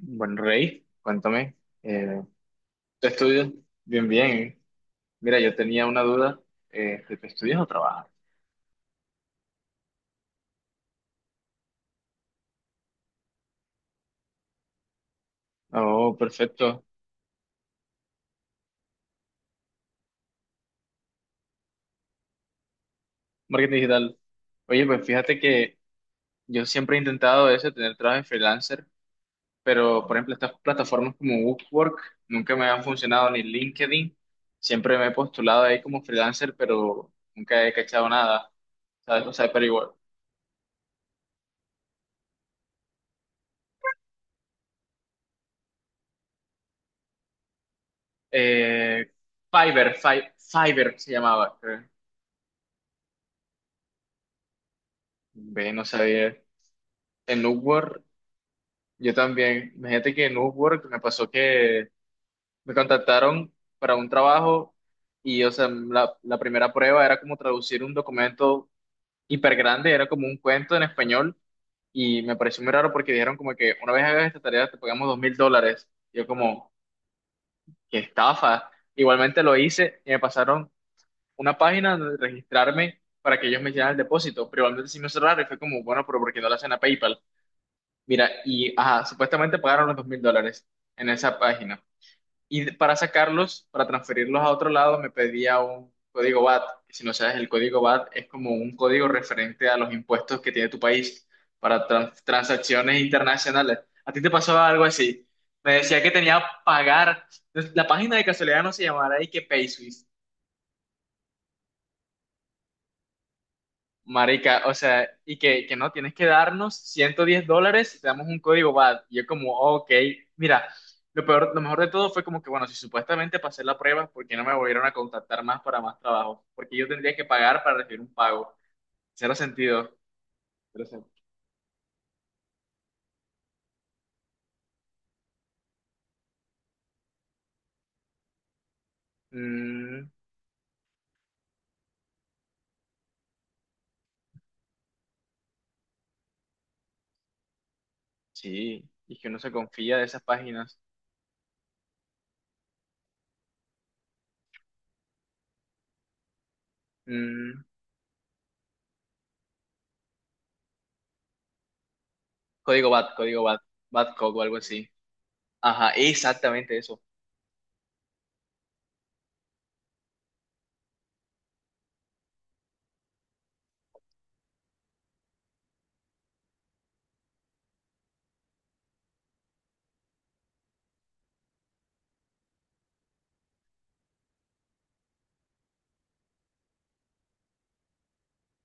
Bueno, Rey, cuéntame, eh, ¿tú estudias? Bien, bien. Mira, yo tenía una duda, ¿tú estudias o trabajas? Oh, perfecto. Marketing digital. Oye, pues fíjate que yo siempre he intentado eso, tener trabajo de freelancer, pero por ejemplo estas plataformas como Upwork nunca me han funcionado, ni LinkedIn. Siempre me he postulado ahí como freelancer, pero nunca he cachado nada, ¿sabes? O sea, pero igual. Eh, Fiverr se llamaba, creo. Ve, no sabía. En Upwork, yo también. Imagínate que en Upwork me pasó que me contactaron para un trabajo y, o sea, la primera prueba era como traducir un documento hiper grande, era como un cuento en español y me pareció muy raro porque dijeron como que una vez hagas esta tarea te pagamos $2000. Yo como, qué estafa. Igualmente lo hice y me pasaron una página donde registrarme para que ellos me hicieran el depósito, pero igualmente sí me cerraron y fue como, bueno, pero ¿por qué no lo hacen a PayPal? Mira, y ajá, supuestamente pagaron los $2000 en esa página. Y para sacarlos, para transferirlos a otro lado, me pedía un código VAT. Si no sabes, el código VAT es como un código referente a los impuestos que tiene tu país para transacciones internacionales. ¿A ti te pasó algo así? Me decía que tenía que pagar. La página de casualidad no se llamará y que Marica, o sea, y que no, tienes que darnos $110 y te damos un código VAT. Y yo como, "Oh, ok, mira, lo peor, lo mejor de todo fue como que, bueno, si supuestamente pasé la prueba, ¿por qué no me volvieron a contactar más para más trabajo? Porque yo tendría que pagar para recibir un pago. Cero sentido. Cero sen- Mm, sí, y que uno se confía de esas páginas. Mm, código VAT, código VAT, VAT code o D o algo así. Ajá, exactamente eso.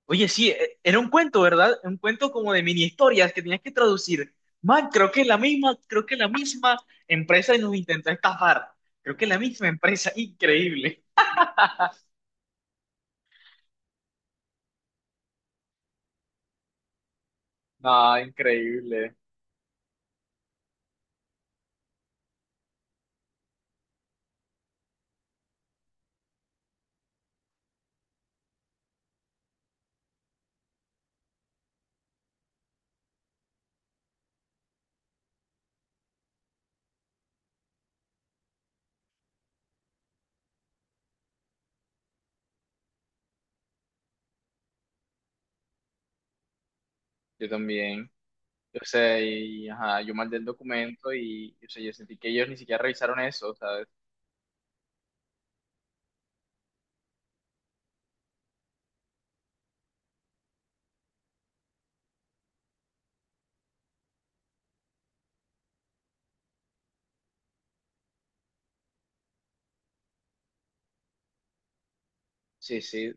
Oye, sí, era un cuento, ¿verdad? Un cuento como de mini historias que tenías que traducir. Man, creo que es la misma empresa y nos intentó estafar. Creo que es la misma empresa, increíble. No, increíble. Yo también. O sea, y, ajá, yo mandé el documento y, o sea, yo sentí que ellos ni siquiera revisaron eso, ¿sabes? Sí, sí,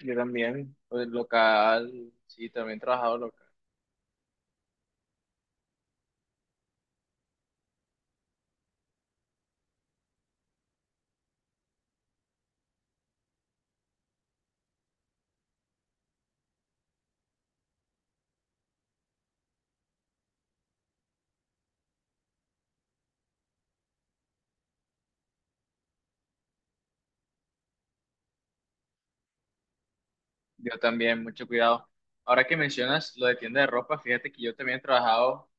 yo también. Pues, local, sí, también he trabajado local. Yo también, mucho cuidado. Ahora que mencionas lo de tienda de ropa, fíjate que yo también he trabajado,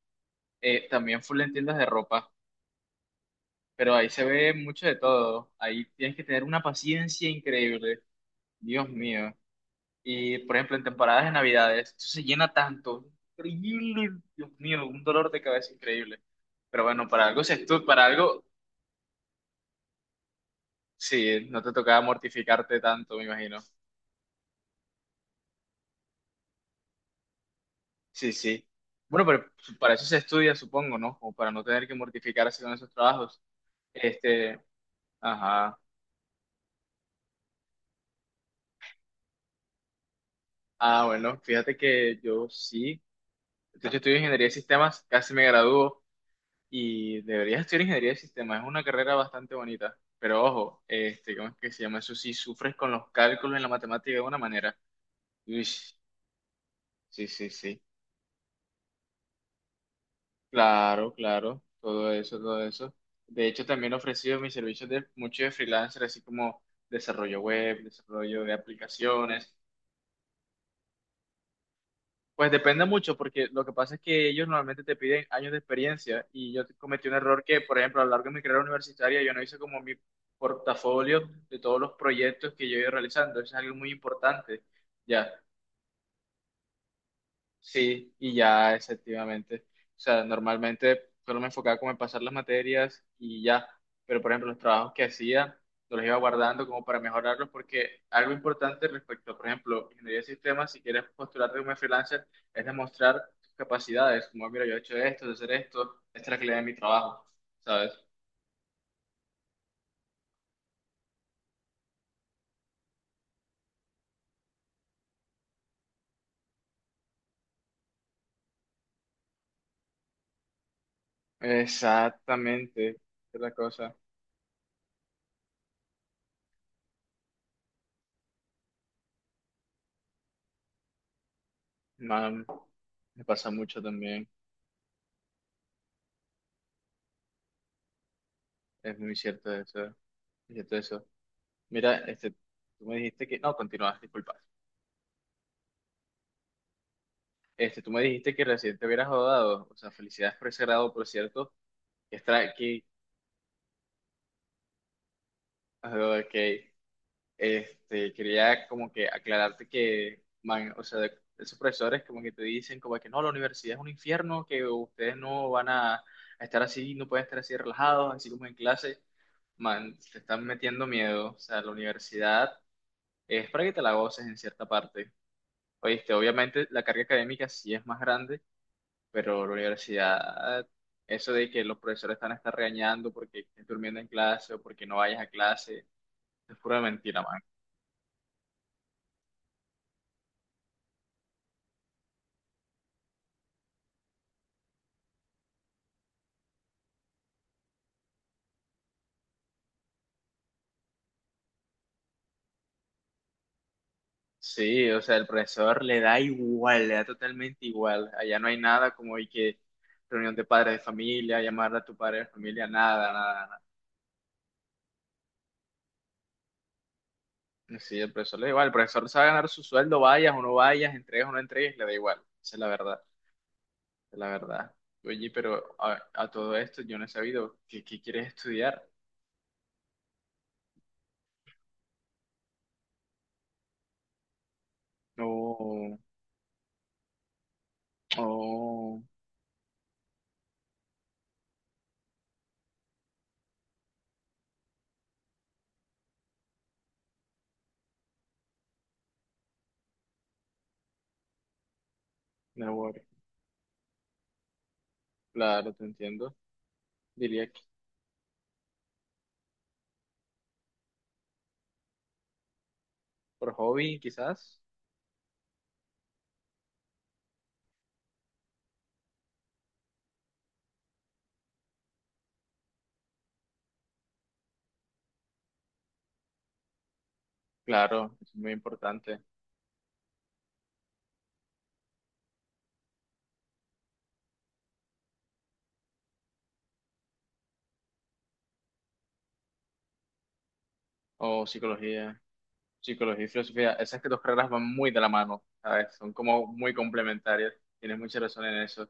también full en tiendas de ropa, pero ahí se ve mucho de todo. Ahí tienes que tener una paciencia increíble, Dios mío. Y por ejemplo, en temporadas de Navidades, eso se llena tanto, increíble, Dios mío, un dolor de cabeza increíble. Pero bueno, para algo, si tú, para algo, sí, no te tocaba mortificarte tanto, me imagino. Sí, sí. Bueno, pero para eso se estudia, supongo, ¿no? Como para no tener que mortificarse con esos trabajos. Este, ajá. Ah, bueno, fíjate que yo sí. De hecho, estudio ingeniería de sistemas, casi me gradúo y deberías estudiar ingeniería de sistemas. Es una carrera bastante bonita, pero ojo, este, ¿cómo es que se llama eso? Si sufres con los cálculos en la matemática de una manera. Uy, sí, sí, sí. Claro, claro, todo eso, todo eso. De hecho, también he ofrecido mis servicios de mucho de freelancer, así como desarrollo web, desarrollo de aplicaciones, pues depende mucho, porque lo que pasa es que ellos normalmente te piden años de experiencia y yo cometí un error que, por ejemplo, a lo largo de mi carrera universitaria yo no hice como mi portafolio de todos los proyectos que yo he ido realizando. Eso es algo muy importante, ya. Sí, y ya efectivamente. O sea, normalmente solo me enfocaba como en pasar las materias y ya. Pero por ejemplo, los trabajos que hacía, los iba guardando como para mejorarlos, porque algo importante respecto a, por ejemplo, ingeniería de sistemas, si quieres postularte como freelancer, es demostrar tus capacidades. Como, mira, yo he hecho esto, de hacer esto, esta es la calidad de mi trabajo, ¿sabes? Exactamente. Esa es la cosa. Man, me pasa mucho también. Es muy cierto eso. Es cierto eso. Mira, este, tú me dijiste que, no, continúas, disculpa. Este, tú me dijiste que recién te hubieras graduado, o sea, felicidades por ese grado, por cierto. Que está aquí, que este, quería como que aclararte que, man, o sea, esos profesores como que te dicen como que no, la universidad es un infierno, que ustedes no van a estar así, no pueden estar así relajados, así como en clase. Man, te están metiendo miedo, o sea, la universidad es para que te la goces en cierta parte. Oíste, obviamente la carga académica sí es más grande, pero la universidad, eso de que los profesores están a estar regañando porque estés durmiendo en clase o porque no vayas a clase, es pura mentira, man. Sí, o sea, el profesor le da igual, le da totalmente igual. Allá no hay nada como hay que reunión de padres de familia, llamar a tu padre de familia, nada, nada, nada. No, sí, el profesor le da igual, el profesor sabe ganar su sueldo, vayas o no vayas, entregues o no entregues, le da igual. Esa es la verdad, esa es la verdad. Oye, pero a todo esto yo no he sabido, ¿qué, qué quieres estudiar? No. Oh, network. Claro, te entiendo. Diría que por hobby, quizás. Claro, es muy importante. O psicología, psicología y filosofía. Esas que dos carreras van muy de la mano, ¿sabes? Son como muy complementarias. Tienes mucha razón en eso.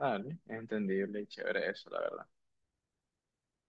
Vale, es entendible y chévere eso, la verdad.